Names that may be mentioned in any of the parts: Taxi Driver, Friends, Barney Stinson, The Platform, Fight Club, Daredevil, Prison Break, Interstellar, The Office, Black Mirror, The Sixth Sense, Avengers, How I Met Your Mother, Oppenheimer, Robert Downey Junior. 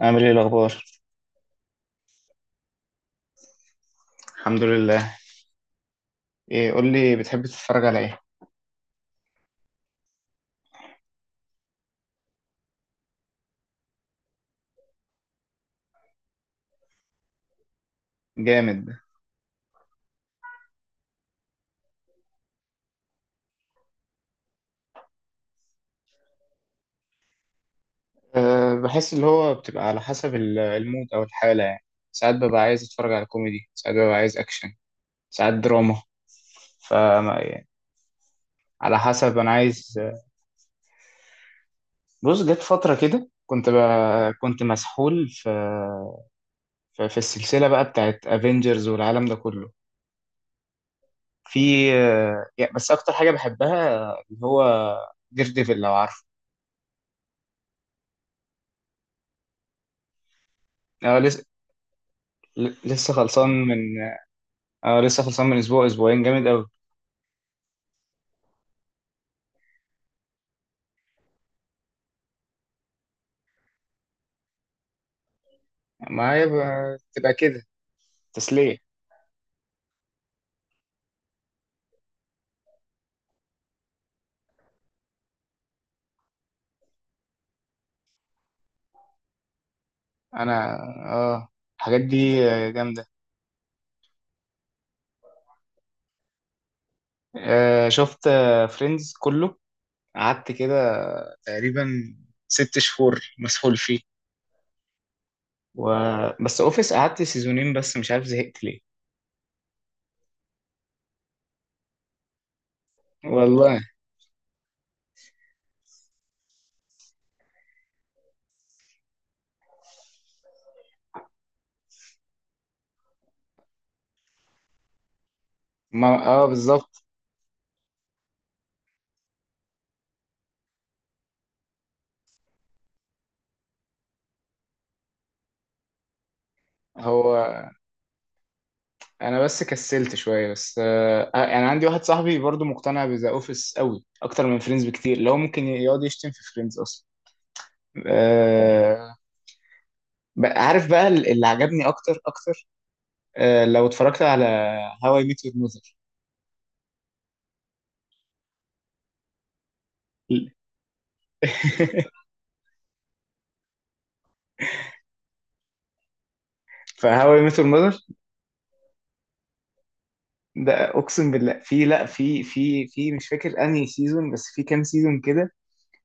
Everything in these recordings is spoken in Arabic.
عامل ايه الاخبار؟ الحمد لله. ايه، قول لي، بتحب تتفرج على ايه؟ جامد. أه، بحس اللي هو بتبقى على حسب المود او الحاله، يعني ساعات ببقى عايز اتفرج على كوميدي، ساعات ببقى عايز اكشن، ساعات دراما. ف يعني على حسب انا عايز. بص، جت فتره كده كنت كنت مسحول في في السلسله بقى بتاعت افنجرز والعالم ده كله. في يعني بس اكتر حاجه بحبها اللي هو دير ديفل، لو عارفه. أنا لسه خلصان من... اه لسه خلصان من اسبوع، اسبوعين. جامد قوي. ما هي بتبقى كده تسلية. انا اه، الحاجات دي جامدة. آه شفت فريندز كله، قعدت كده تقريبا ست شهور مسحول فيه. و... بس اوفيس قعدت سيزونين بس، مش عارف زهقت ليه. والله، ما اه بالظبط. هو انا بس كسلت شويه، بس آه انا عندي واحد صاحبي برضو مقتنع بذا اوفيس قوي اكتر من فريندز بكتير، لو ممكن يقعد يشتم في فريندز اصلا. آه. عارف بقى اللي عجبني اكتر، آه، لو اتفرجت على هاو اي ميت يور ماذر. فهاو اي ميت يور ماذر ده اقسم بالله في لا في مش فاكر انهي سيزون، بس في كام سيزون كده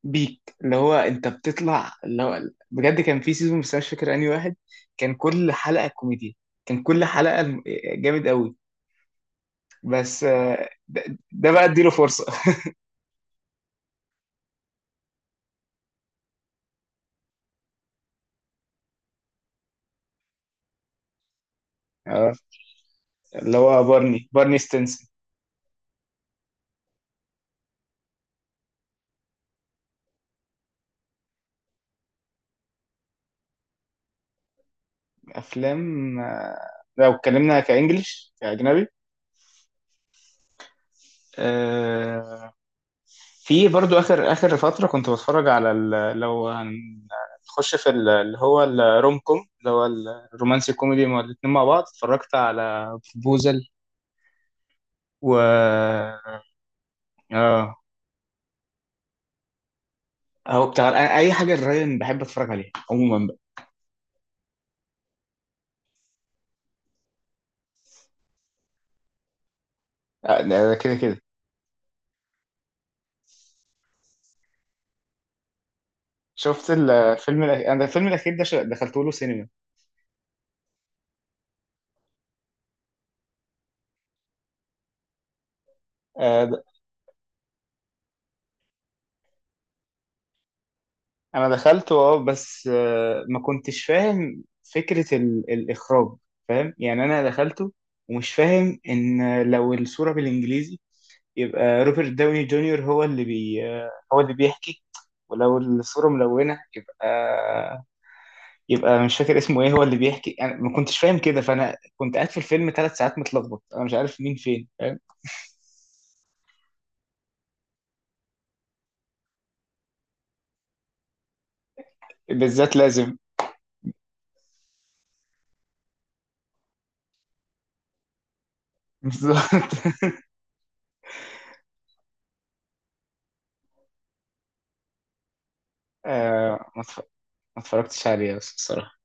بيك اللي هو انت بتطلع، اللي هو بجد كان في سيزون، بس أنا مش فاكر انهي واحد. كان كل حلقه كوميديا، كان كل حلقه جامد قوي. بس آه، ده بقى اديله فرصه. آه، اللي هو بارني ستينسون. افلام آه، لو اتكلمنا كانجلش كاجنبي، آه، في برضو اخر اخر فتره كنت بتفرج على لو هنخش في اللي هو الروم كوم، اللي هو الرومانسي كوميدي مع الاتنين مع بعض. اتفرجت على بروبوزل و... اه. هو بتاع، أنا اي حاجه الراين بحب اتفرج عليها عموما بقى. آه، ده كده. شفت الفيلم الأخير. أنا الفيلم الأخير ده دخلته له سينما. آه، انا دخلت اه، بس آه، ما كنتش فاهم فكرة الاخراج. فاهم، يعني انا دخلته ومش فاهم ان لو الصورة بالانجليزي يبقى روبرت داوني جونيور هو اللي آه، هو اللي بيحكي، ولو الصورة ملونة يبقى مش فاكر اسمه ايه هو اللي بيحكي. انا ما كنتش فاهم كده، فانا كنت قاعد في الفيلم ثلاث ساعات متلخبط، انا مش عارف مين فين، فاهم؟ بالذات لازم. بالظبط. آه، ما اتفرجتش عليه بس، الصراحة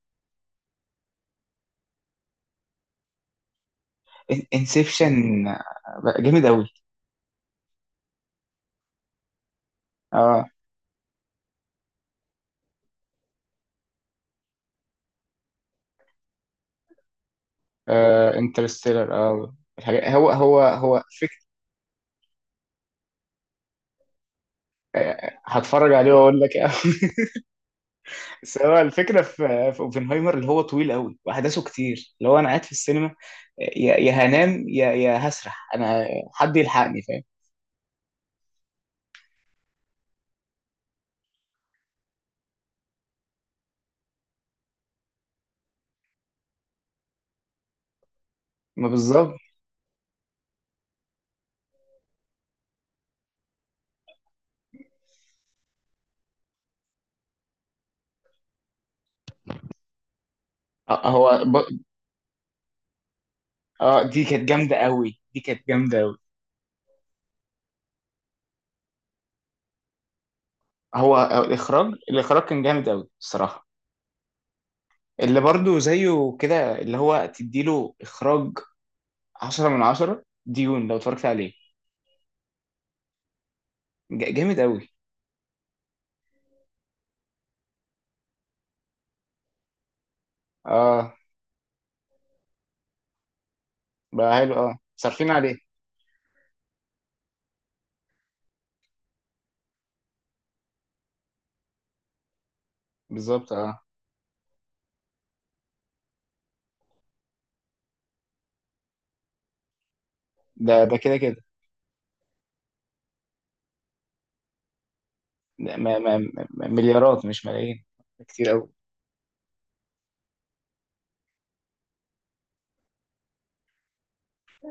انسبشن جامد قوي. اه انترستيلر اه، الحاجات. هو آه، هتفرج عليه واقول لك. آه. بس هو الفكره في اوبنهايمر اللي هو طويل قوي واحداثه كتير، اللي هو انا قاعد في السينما آه، يا هنام يا هسرح انا، حد يلحقني، فاهم؟ ما بالظبط. آه، اه دي كانت جامده قوي، دي كانت جامده قوي. هو آه، الاخراج، الاخراج كان جامد قوي الصراحه. اللي برضو زيه كده اللي هو تديله اخراج عشرة من عشرة ديون، لو اتفرجت عليه. جامد قوي. اه بقى حلو اه، صارفين عليه بالظبط. اه ده كده. ده ما مليارات مش ملايين، كتير قوي.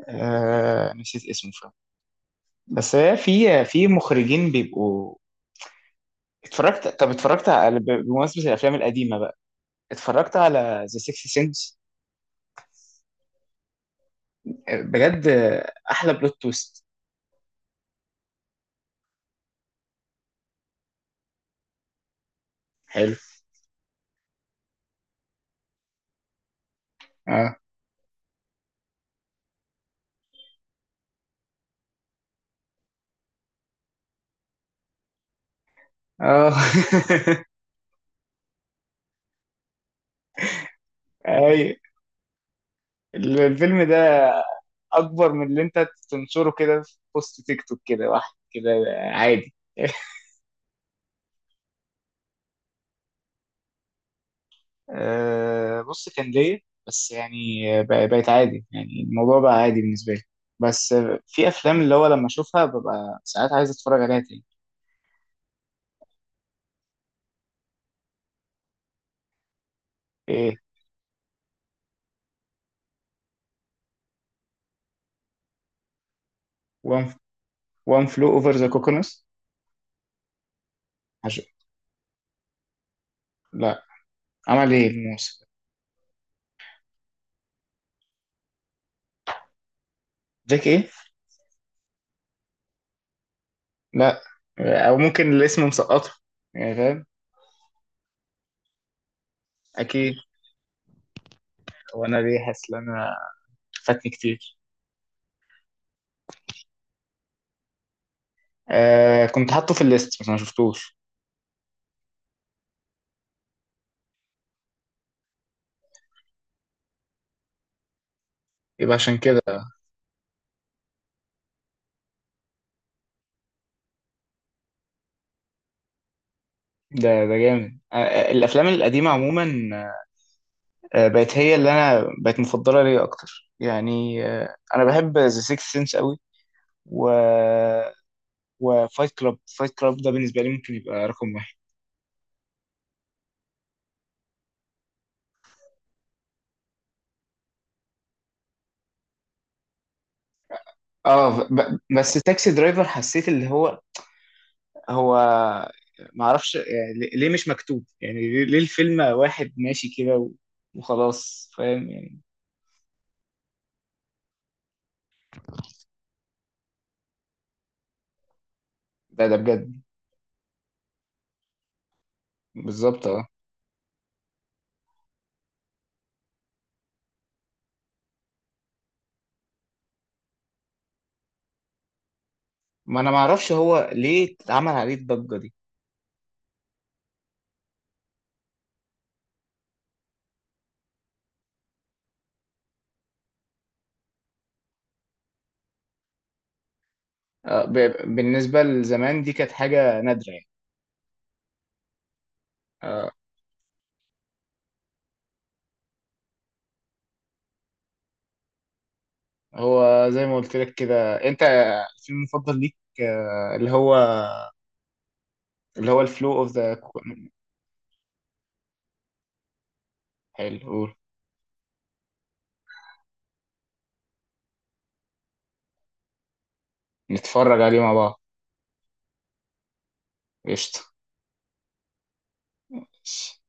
آه نسيت اسمه فعلا، بس هي في مخرجين بيبقوا. اتفرجت، طب اتفرجت على بمناسبة الافلام القديمة بقى، اتفرجت على ذا سيكس سنس، بجد آه، احلى بلوت تويست. حلو. اه اه. اي الفيلم ده اكبر من اللي انت تنشره كده في بوست تيك توك كده واحد كده، عادي. أه، بص كان ليا، بس يعني بقت عادي، يعني الموضوع بقى عادي بالنسبه لي، بس آه، في افلام اللي هو لما اشوفها ببقى ساعات عايز اتفرج عليها تاني. ايه؟ وان وان فلو اوفر ذا كوكونس. لا، عمل ايه الموسم؟ جاك ايه؟ لا، او ممكن الاسم مسقطه، يعني، فاهم؟ اكيد. وانا ليه حاسس ان انا فاتني كتير. آه كنت حاطه في الليست، بس ما شفتوش. يبقى عشان كده. ده ده جامد، آه، آه، الافلام القديمه عموما آه، بقت هي اللي انا بقت مفضله ليا اكتر، يعني آه، انا بحب ذا سيكس سنس قوي، و... وفايت كلاب، فايت كلاب ده بالنسبه لي ممكن يبقى رقم واحد. اه بس تاكسي درايفر حسيت اللي هو، هو ما اعرفش يعني ليه، ليه مش مكتوب، يعني ليه ليه الفيلم واحد ماشي كده و... وخلاص، فاهم يعني. ده ده بجد. بالظبط اه. ما انا ما اعرفش هو ليه اتعمل عليه الضجه دي. آه، بالنسبة لزمان دي كانت حاجة نادرة يعني. آه، هو زي ما قلت لك كده، انت الفيلم المفضل ليك آه، اللي هو اللي هو الفلو اوف ذا. حلو، قول. نتفرج عليه مع بعض. قشطة.